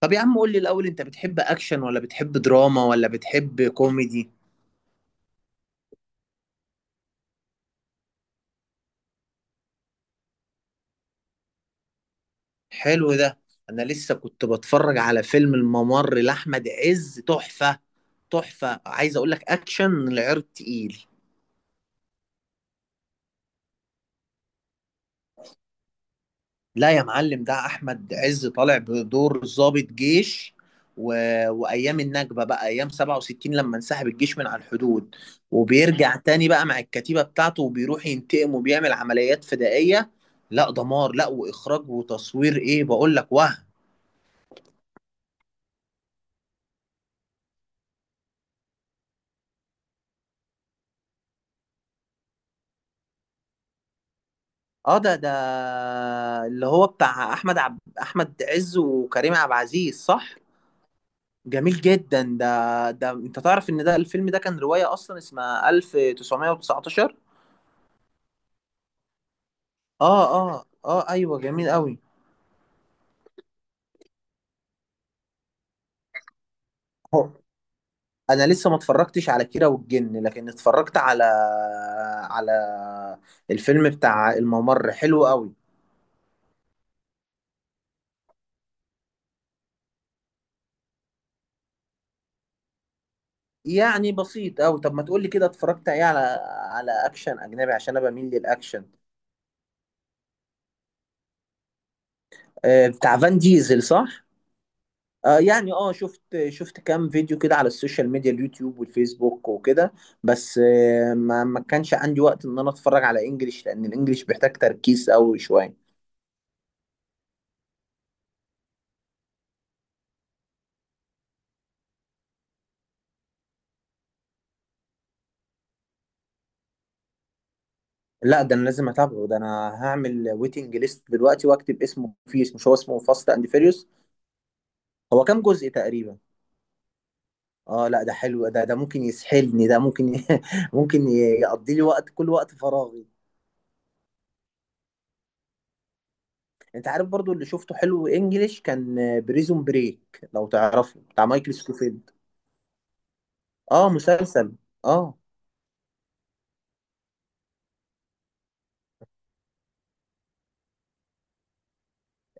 طب يا عم قول لي الأول، أنت بتحب أكشن ولا بتحب دراما ولا بتحب كوميدي؟ حلو ده. أنا لسه كنت بتفرج على فيلم الممر لأحمد عز، تحفة. تحفة، عايز أقول لك أكشن، العرض تقيل. لا يا معلم، ده أحمد عز طالع بدور ضابط جيش و... وأيام النكبة بقى، أيام 67 لما انسحب الجيش من على الحدود، وبيرجع تاني بقى مع الكتيبة بتاعته، وبيروح ينتقم وبيعمل عمليات فدائية. لا دمار لا وإخراج وتصوير، إيه بقول لك، وهم. اه، ده اللي هو بتاع احمد عز وكريم عبد العزيز، صح؟ جميل جدا. ده، انت تعرف ان ده الفيلم ده كان رواية اصلا، اسمها 1919؟ اه، اه، اه، ايوه، جميل قوي. هو انا لسه ما اتفرجتش على كيرة والجن، لكن اتفرجت على الفيلم بتاع الممر، حلو قوي. يعني بسيط قوي. طب ما تقولي كده، اتفرجت ايه على اكشن اجنبي؟ عشان انا بميل للاكشن. بتاع فان ديزل صح؟ يعني شفت كام فيديو كده على السوشيال ميديا، اليوتيوب والفيسبوك وكده. بس ما كانش عندي وقت، ان انا اتفرج على انجليش، لان الانجليش بيحتاج تركيز قوي شويه. لا، ده انا لازم اتابعه. ده انا هعمل ويتنج ليست دلوقتي واكتب اسمه. فيس، مش هو اسمه فاست اند فيريوس؟ هو كام جزء تقريبا؟ اه لا، ده حلو. ده ممكن يسحلني. ده ممكن ممكن يقضي لي وقت، كل وقت فراغي. انت عارف برضو اللي شفته حلو انجليش؟ كان بريزون بريك، لو تعرفه، بتاع مايكل سكوفيلد. اه، مسلسل، اه.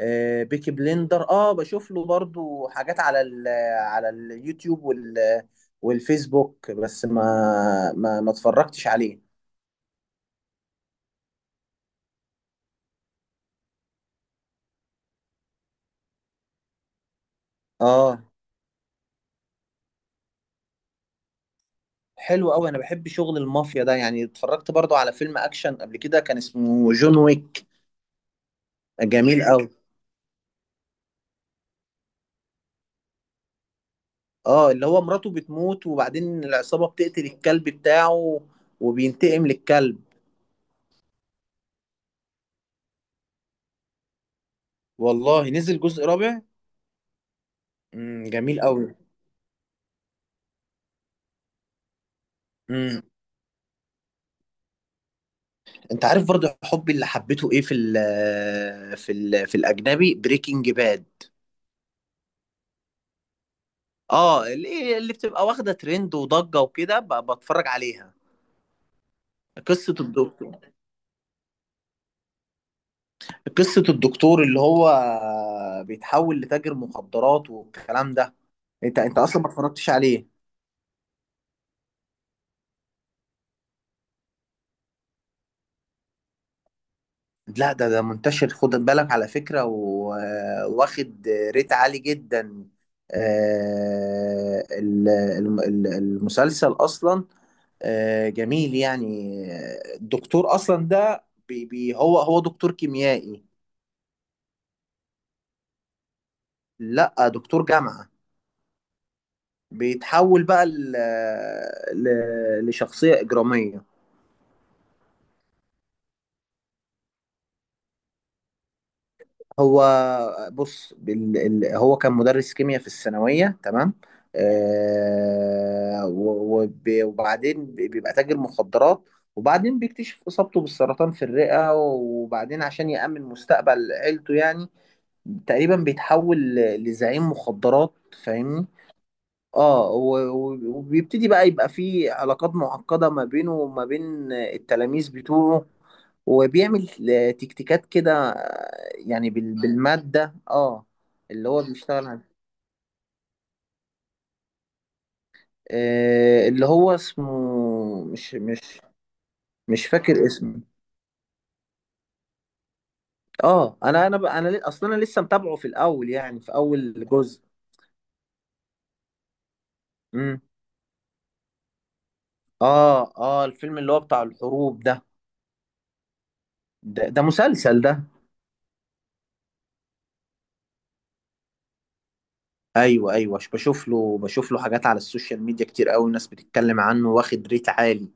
بيكي بليندر، بشوف له برضو حاجات على على اليوتيوب والفيسبوك، بس ما اتفرجتش عليه. اه، حلو قوي. انا بحب شغل المافيا ده، يعني اتفرجت برضو على فيلم اكشن قبل كده، كان اسمه جون ويك. جميل قوي. اه، اللي هو مراته بتموت، وبعدين العصابة بتقتل الكلب بتاعه. وبينتقم للكلب. والله نزل جزء رابع؟ جميل قوي. انت عارف برضو حبي اللي حبيته ايه في الاجنبي؟ بريكنج باد. اه، اللي بتبقى واخده ترند وضجه وكده، بتفرج عليها. قصه الدكتور قصه الدكتور، اللي هو بيتحول لتاجر مخدرات والكلام ده. انت اصلا ما اتفرجتش عليه؟ لا، ده منتشر، خد بالك على فكره، واخد ريت عالي جدا. المسلسل اصلا. جميل يعني، الدكتور اصلا ده بي هو دكتور كيميائي. لا، دكتور جامعة. بيتحول بقى لشخصية إجرامية. هو بص، هو كان مدرس كيمياء في الثانوية، تمام. وبعدين بيبقى تاجر مخدرات. وبعدين بيكتشف إصابته بالسرطان في الرئة، وبعدين عشان يأمن مستقبل عيلته يعني تقريبا بيتحول لزعيم مخدرات. فاهمني؟ اه، وبيبتدي بقى يبقى فيه علاقات معقدة، ما بينه وما بين التلاميذ بتوعه. وبيعمل تكتيكات كده، يعني بالمادة اه اللي هو بيشتغل عليه. اللي هو اسمه، مش فاكر اسمه. اه، انا اصلا انا لسه متابعه في الاول، يعني في اول جزء. امم. اه، اه، الفيلم اللي هو بتاع الحروب ده؟ ده مسلسل ده؟ ايوه، ايوه، بشوف له حاجات على السوشيال ميديا، كتير قوي الناس بتتكلم عنه، واخد ريت عالي.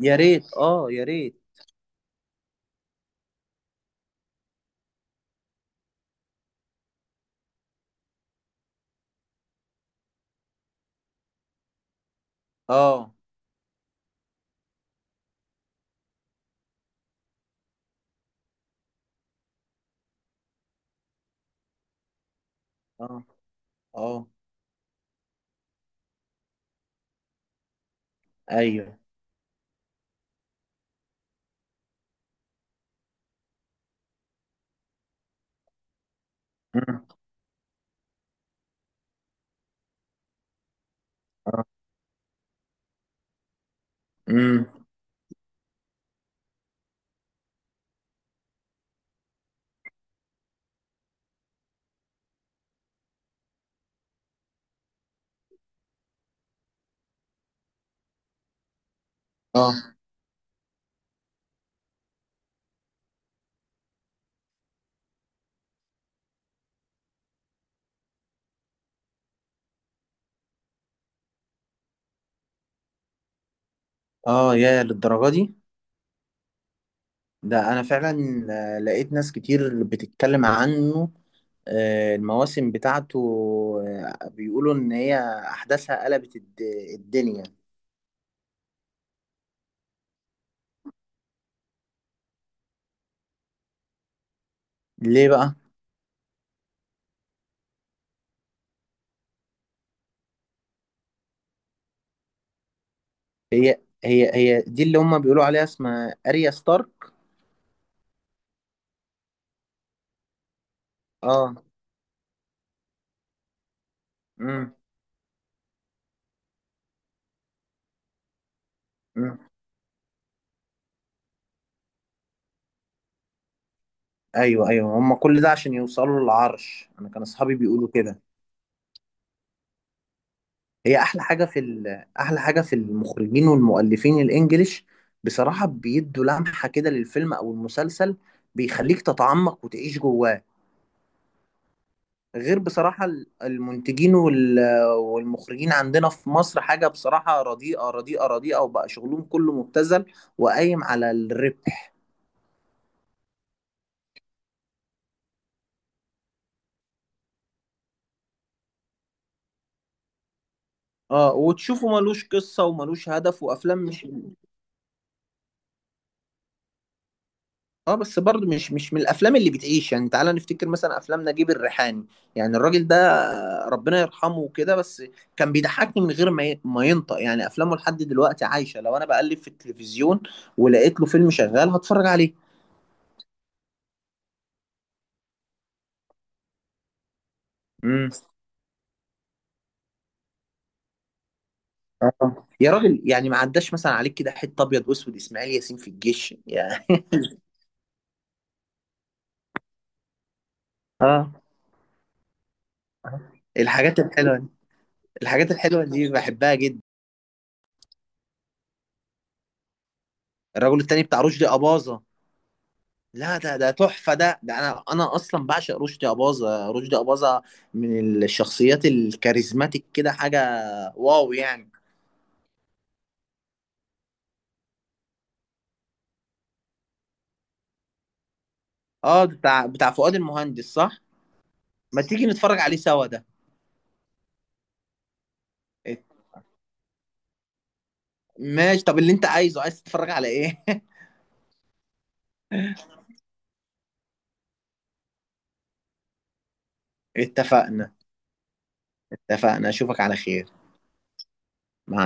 يا ريت، يا ريت. اه، اه، اه، ايوه. مم. اه. مم. اه، اه، يا للدرجه دي؟ ده انا فعلا. لقيت ناس كتير بتتكلم عنه. المواسم بتاعته. بيقولوا ان هي احداثها قلبت الدنيا. ليه بقى؟ هي دي اللي هم بيقولوا عليها اسمها اريا ستارك؟ اه. مم. ايوه، ايوه، هم كل ده عشان يوصلوا للعرش، انا كان اصحابي بيقولوا كده. هي احلى حاجه احلى حاجه في المخرجين والمؤلفين الانجليش، بصراحه بيدوا لمحه كده للفيلم او المسلسل، بيخليك تتعمق وتعيش جواه. غير بصراحه المنتجين والمخرجين عندنا في مصر حاجه بصراحه رديئه، رديئه، رديئه. وبقى شغلهم كله مبتذل وقايم على الربح. اه، وتشوفه ملوش قصه وملوش هدف، وافلام مش اه، بس برضه مش من الافلام اللي بتعيش. يعني تعالى نفتكر مثلا افلام نجيب الريحاني، يعني الراجل ده ربنا يرحمه وكده، بس كان بيضحكني من غير ما ينطق. يعني افلامه لحد دلوقتي عايشه، لو انا بقلب في التلفزيون ولقيت له فيلم شغال هتفرج عليه. امم. اه، يا راجل يعني، ما عداش مثلا عليك كده حته ابيض واسود، اسماعيل ياسين في الجيش يعني. اه. الحاجات الحلوه دي، الحاجات الحلوه دي بحبها جدا. الرجل التاني بتاع رشدي اباظه. لا، ده تحفة. ده أنا أصلا بعشق رشدي أباظة، رشدي أباظة. من الشخصيات الكاريزماتيك كده حاجة، واو يعني. أه، بتاع فؤاد المهندس صح؟ ما تيجي نتفرج عليه سوا ده. ات- ماشي. طب اللي أنت عايز تتفرج على إيه؟ اتفقنا. اتفقنا، أشوفك على خير. مع